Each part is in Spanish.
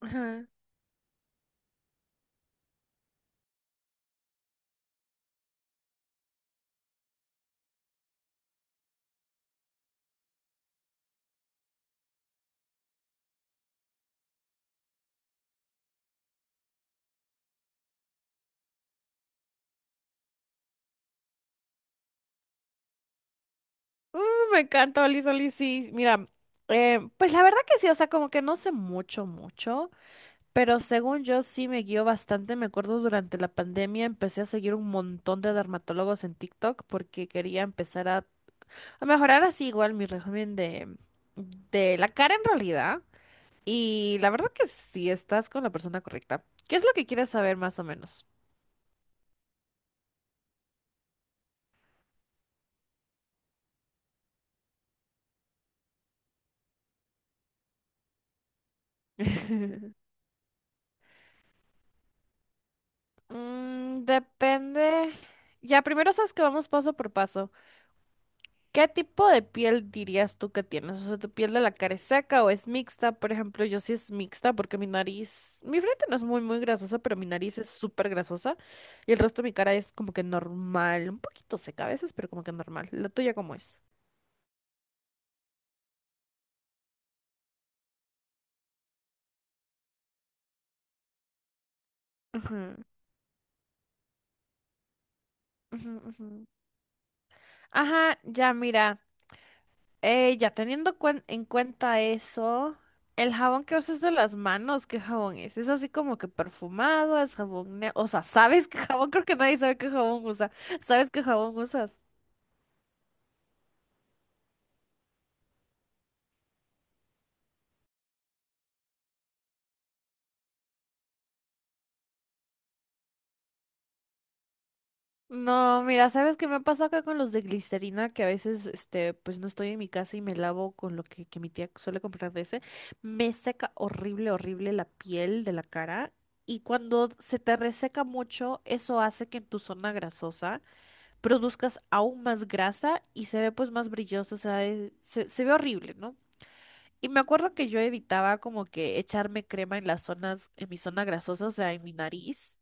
Ajá. Uh, me encanta Oli Oli, sí. Mira, pues la verdad que sí, o sea, como que no sé mucho, pero según yo sí me guío bastante. Me acuerdo durante la pandemia empecé a seguir un montón de dermatólogos en TikTok porque quería empezar a mejorar así igual mi régimen de la cara en realidad. Y la verdad que sí, estás con la persona correcta. ¿Qué es lo que quieres saber más o menos? Mm, depende. Ya, primero sabes que vamos paso por paso. ¿Qué tipo de piel dirías tú que tienes? O sea, ¿tu piel de la cara es seca o es mixta? Por ejemplo, yo sí es mixta porque mi nariz, mi frente no es muy grasosa, pero mi nariz es súper grasosa y el resto de mi cara es como que normal, un poquito seca a veces, pero como que normal. ¿La tuya cómo es? Ujú, ujú, ujú. Ajá, ya mira. Ya teniendo en cuenta eso, el jabón que usas de las manos, ¿qué jabón es? Es así como que perfumado, es jabón, o sea, ¿sabes qué jabón? Creo que nadie sabe qué jabón usa. ¿Sabes qué jabón usas? No, mira, ¿sabes qué me ha pasado acá con los de glicerina? Que a veces, este, pues no estoy en mi casa y me lavo con lo que mi tía suele comprar de ese. Me seca horrible la piel de la cara. Y cuando se te reseca mucho, eso hace que en tu zona grasosa produzcas aún más grasa y se ve pues más brilloso, o sea, se ve horrible, ¿no? Y me acuerdo que yo evitaba como que echarme crema en las zonas, en mi zona grasosa, o sea, en mi nariz,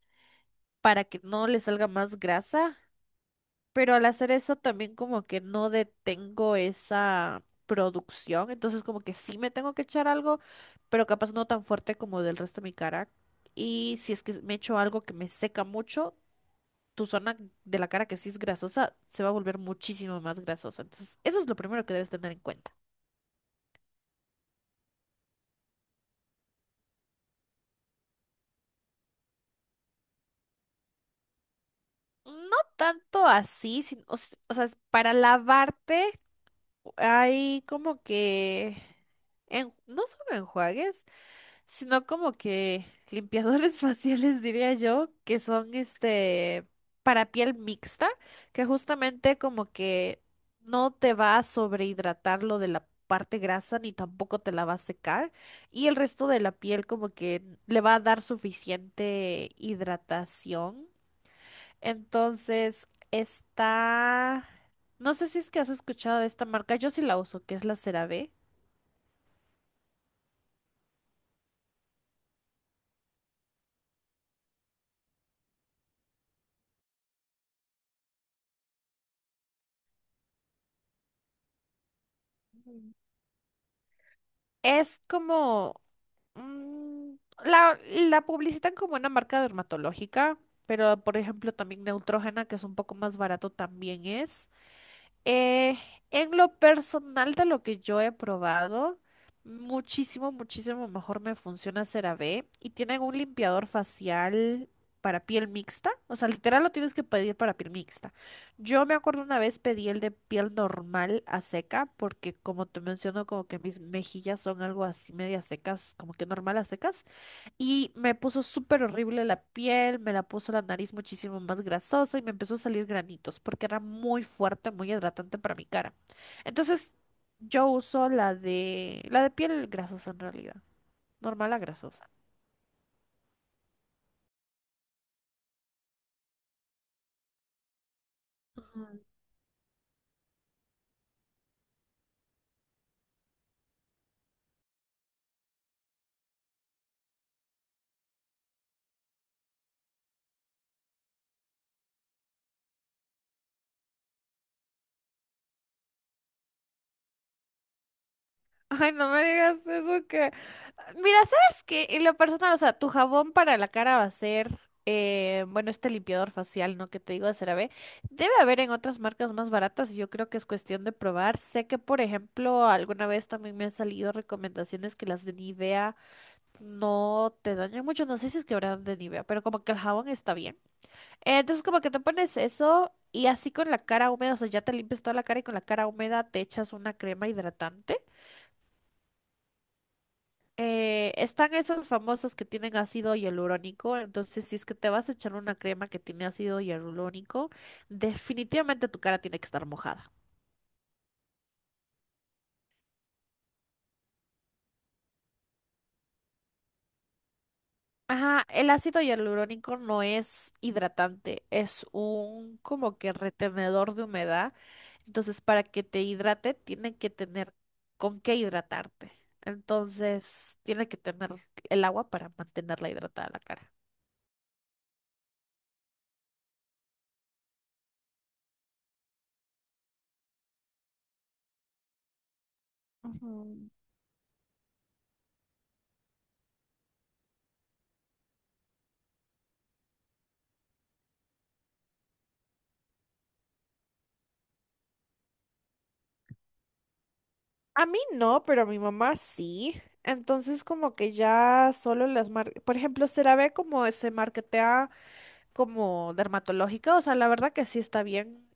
para que no le salga más grasa, pero al hacer eso también como que no detengo esa producción, entonces como que sí me tengo que echar algo, pero capaz no tan fuerte como del resto de mi cara. Y si es que me echo algo que me seca mucho, tu zona de la cara que sí es grasosa se va a volver muchísimo más grasosa. Entonces, eso es lo primero que debes tener en cuenta. No tanto así, o sea, es para lavarte hay como que, no son enjuagues, sino como que limpiadores faciales, diría yo, que son este para piel mixta, que justamente como que no te va a sobrehidratar lo de la parte grasa ni tampoco te la va a secar y el resto de la piel como que le va a dar suficiente hidratación. Entonces, está... No sé si es que has escuchado de esta marca, yo sí la uso, que es la CeraVe. Es como... mm, la, la publicitan como una marca dermatológica, pero por ejemplo también Neutrogena, que es un poco más barato, también es. Eh, en lo personal de lo que yo he probado, muchísimo mejor me funciona CeraVe y tienen un limpiador facial para piel mixta, o sea, literal lo tienes que pedir para piel mixta. Yo me acuerdo una vez pedí el de piel normal a seca porque como te menciono como que mis mejillas son algo así media secas, como que normal a secas. Y me puso súper horrible la piel, me la puso la nariz muchísimo más grasosa y me empezó a salir granitos porque era muy fuerte, muy hidratante para mi cara. Entonces yo uso la de piel grasosa en realidad, normal a grasosa. Ay, no me digas eso que... Mira, ¿sabes qué? En lo personal, o sea, tu jabón para la cara va a ser, bueno, este limpiador facial, ¿no? Que te digo de CeraVe. Debe haber en otras marcas más baratas y yo creo que es cuestión de probar. Sé que, por ejemplo, alguna vez también me han salido recomendaciones que las de Nivea no te dañan mucho. No sé si es que habrán de Nivea, pero como que el jabón está bien. Entonces, como que te pones eso y así con la cara húmeda, o sea, ya te limpias toda la cara y con la cara húmeda te echas una crema hidratante. Están esos famosos que tienen ácido hialurónico, entonces si es que te vas a echar una crema que tiene ácido hialurónico, definitivamente tu cara tiene que estar mojada. Ajá, el ácido hialurónico no es hidratante, es un como que retenedor de humedad, entonces para que te hidrate tiene que tener con qué hidratarte, entonces tiene que tener el agua para mantenerla hidratada la cara. Ujú. A mí no, pero a mi mamá sí. Entonces como que ya solo las marcas, por ejemplo, CeraVe como se marketea como dermatológica, o sea, la verdad que sí está bien.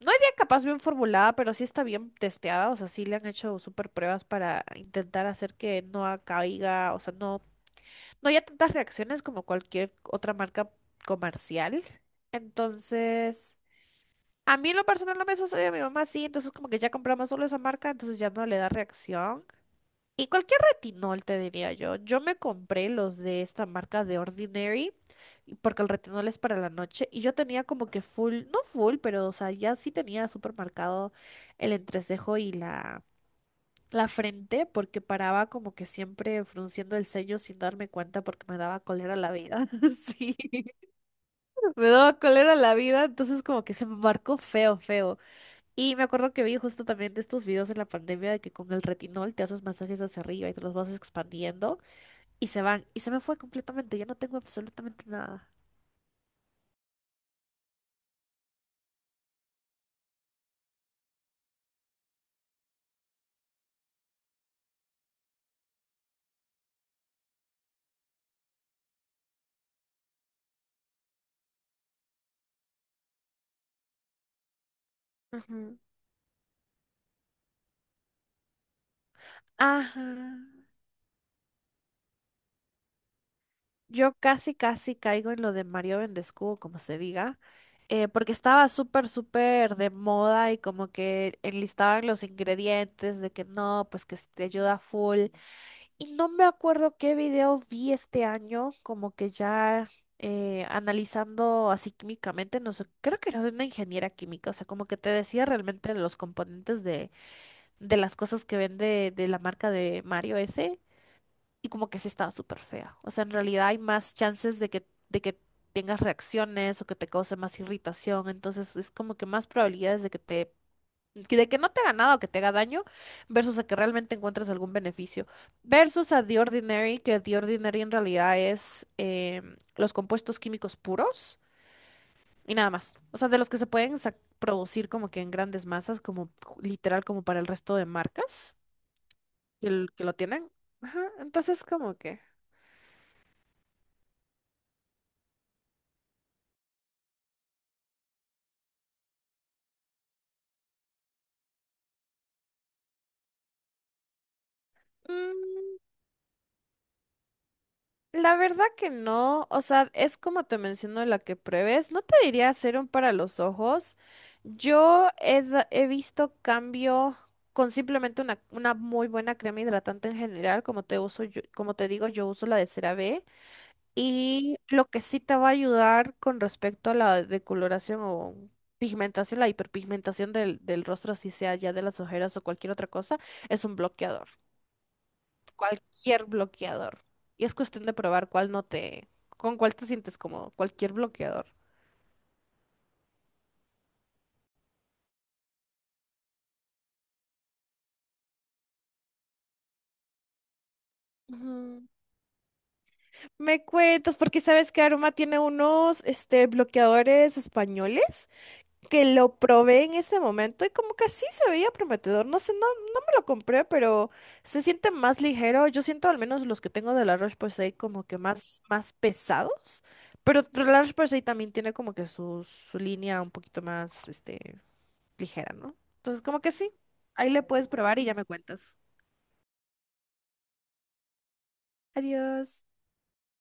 No diría capaz bien formulada, pero sí está bien testeada, o sea, sí le han hecho súper pruebas para intentar hacer que no caiga, o sea, no haya tantas reacciones como cualquier otra marca comercial. Entonces, a mí en lo personal no me sucedió, a mi mamá sí, entonces como que ya compramos solo esa marca, entonces ya no le da reacción. Y cualquier retinol, te diría yo. Yo me compré los de esta marca de Ordinary, porque el retinol es para la noche, y yo tenía como que full, no full, pero o sea, ya sí tenía súper marcado el entrecejo y la frente, porque paraba como que siempre frunciendo el ceño sin darme cuenta porque me daba cólera la vida. Sí, me daba cólera la vida, entonces como que se me marcó feo. Y me acuerdo que vi justo también de estos videos en la pandemia de que con el retinol te haces masajes hacia arriba y te los vas expandiendo y se van. Y se me fue completamente. Ya no tengo absolutamente nada. Ujú. Ajá. Yo casi caigo en lo de Mario Vendescubo, como se diga, porque estaba súper de moda y como que enlistaban los ingredientes de que no, pues que si te ayuda full. Y no me acuerdo qué video vi este año, como que ya analizando así químicamente, no sé, creo que era de una ingeniera química, o sea, como que te decía realmente los componentes de las cosas que vende de la marca de Mario ese y como que sí estaba súper fea. O sea, en realidad hay más chances de que tengas reacciones o que te cause más irritación. Entonces es como que más probabilidades de que te, de que no te haga nada o que te haga daño versus a que realmente encuentres algún beneficio. Versus a The Ordinary, que The Ordinary en realidad es los compuestos químicos puros y nada más. O sea, de los que se pueden producir como que en grandes masas, como literal como para el resto de marcas que, que lo tienen. Ajá, entonces como que... mm, la verdad que no, o sea, es como te menciono la que pruebes. No te diría serum para los ojos. Yo he visto cambio con simplemente una muy buena crema hidratante en general, como te como te digo, yo uso la de CeraVe. Y lo que sí te va a ayudar con respecto a la decoloración o pigmentación, la hiperpigmentación del rostro, si sea ya de las ojeras o cualquier otra cosa, es un bloqueador. Cualquier bloqueador. Y es cuestión de probar cuál no te, con cuál te sientes cómodo, cualquier bloqueador. Ujú. Me cuentas, porque sabes que Aroma tiene unos este, bloqueadores españoles que lo probé en ese momento y como que sí se veía prometedor. No sé, no me lo compré, pero se siente más ligero. Yo siento al menos los que tengo de la Roche-Posay como que más pesados. Pero la Roche-Posay también tiene como que su línea un poquito más, este, ligera, ¿no? Entonces, como que sí, ahí le puedes probar y ya me cuentas. Adiós.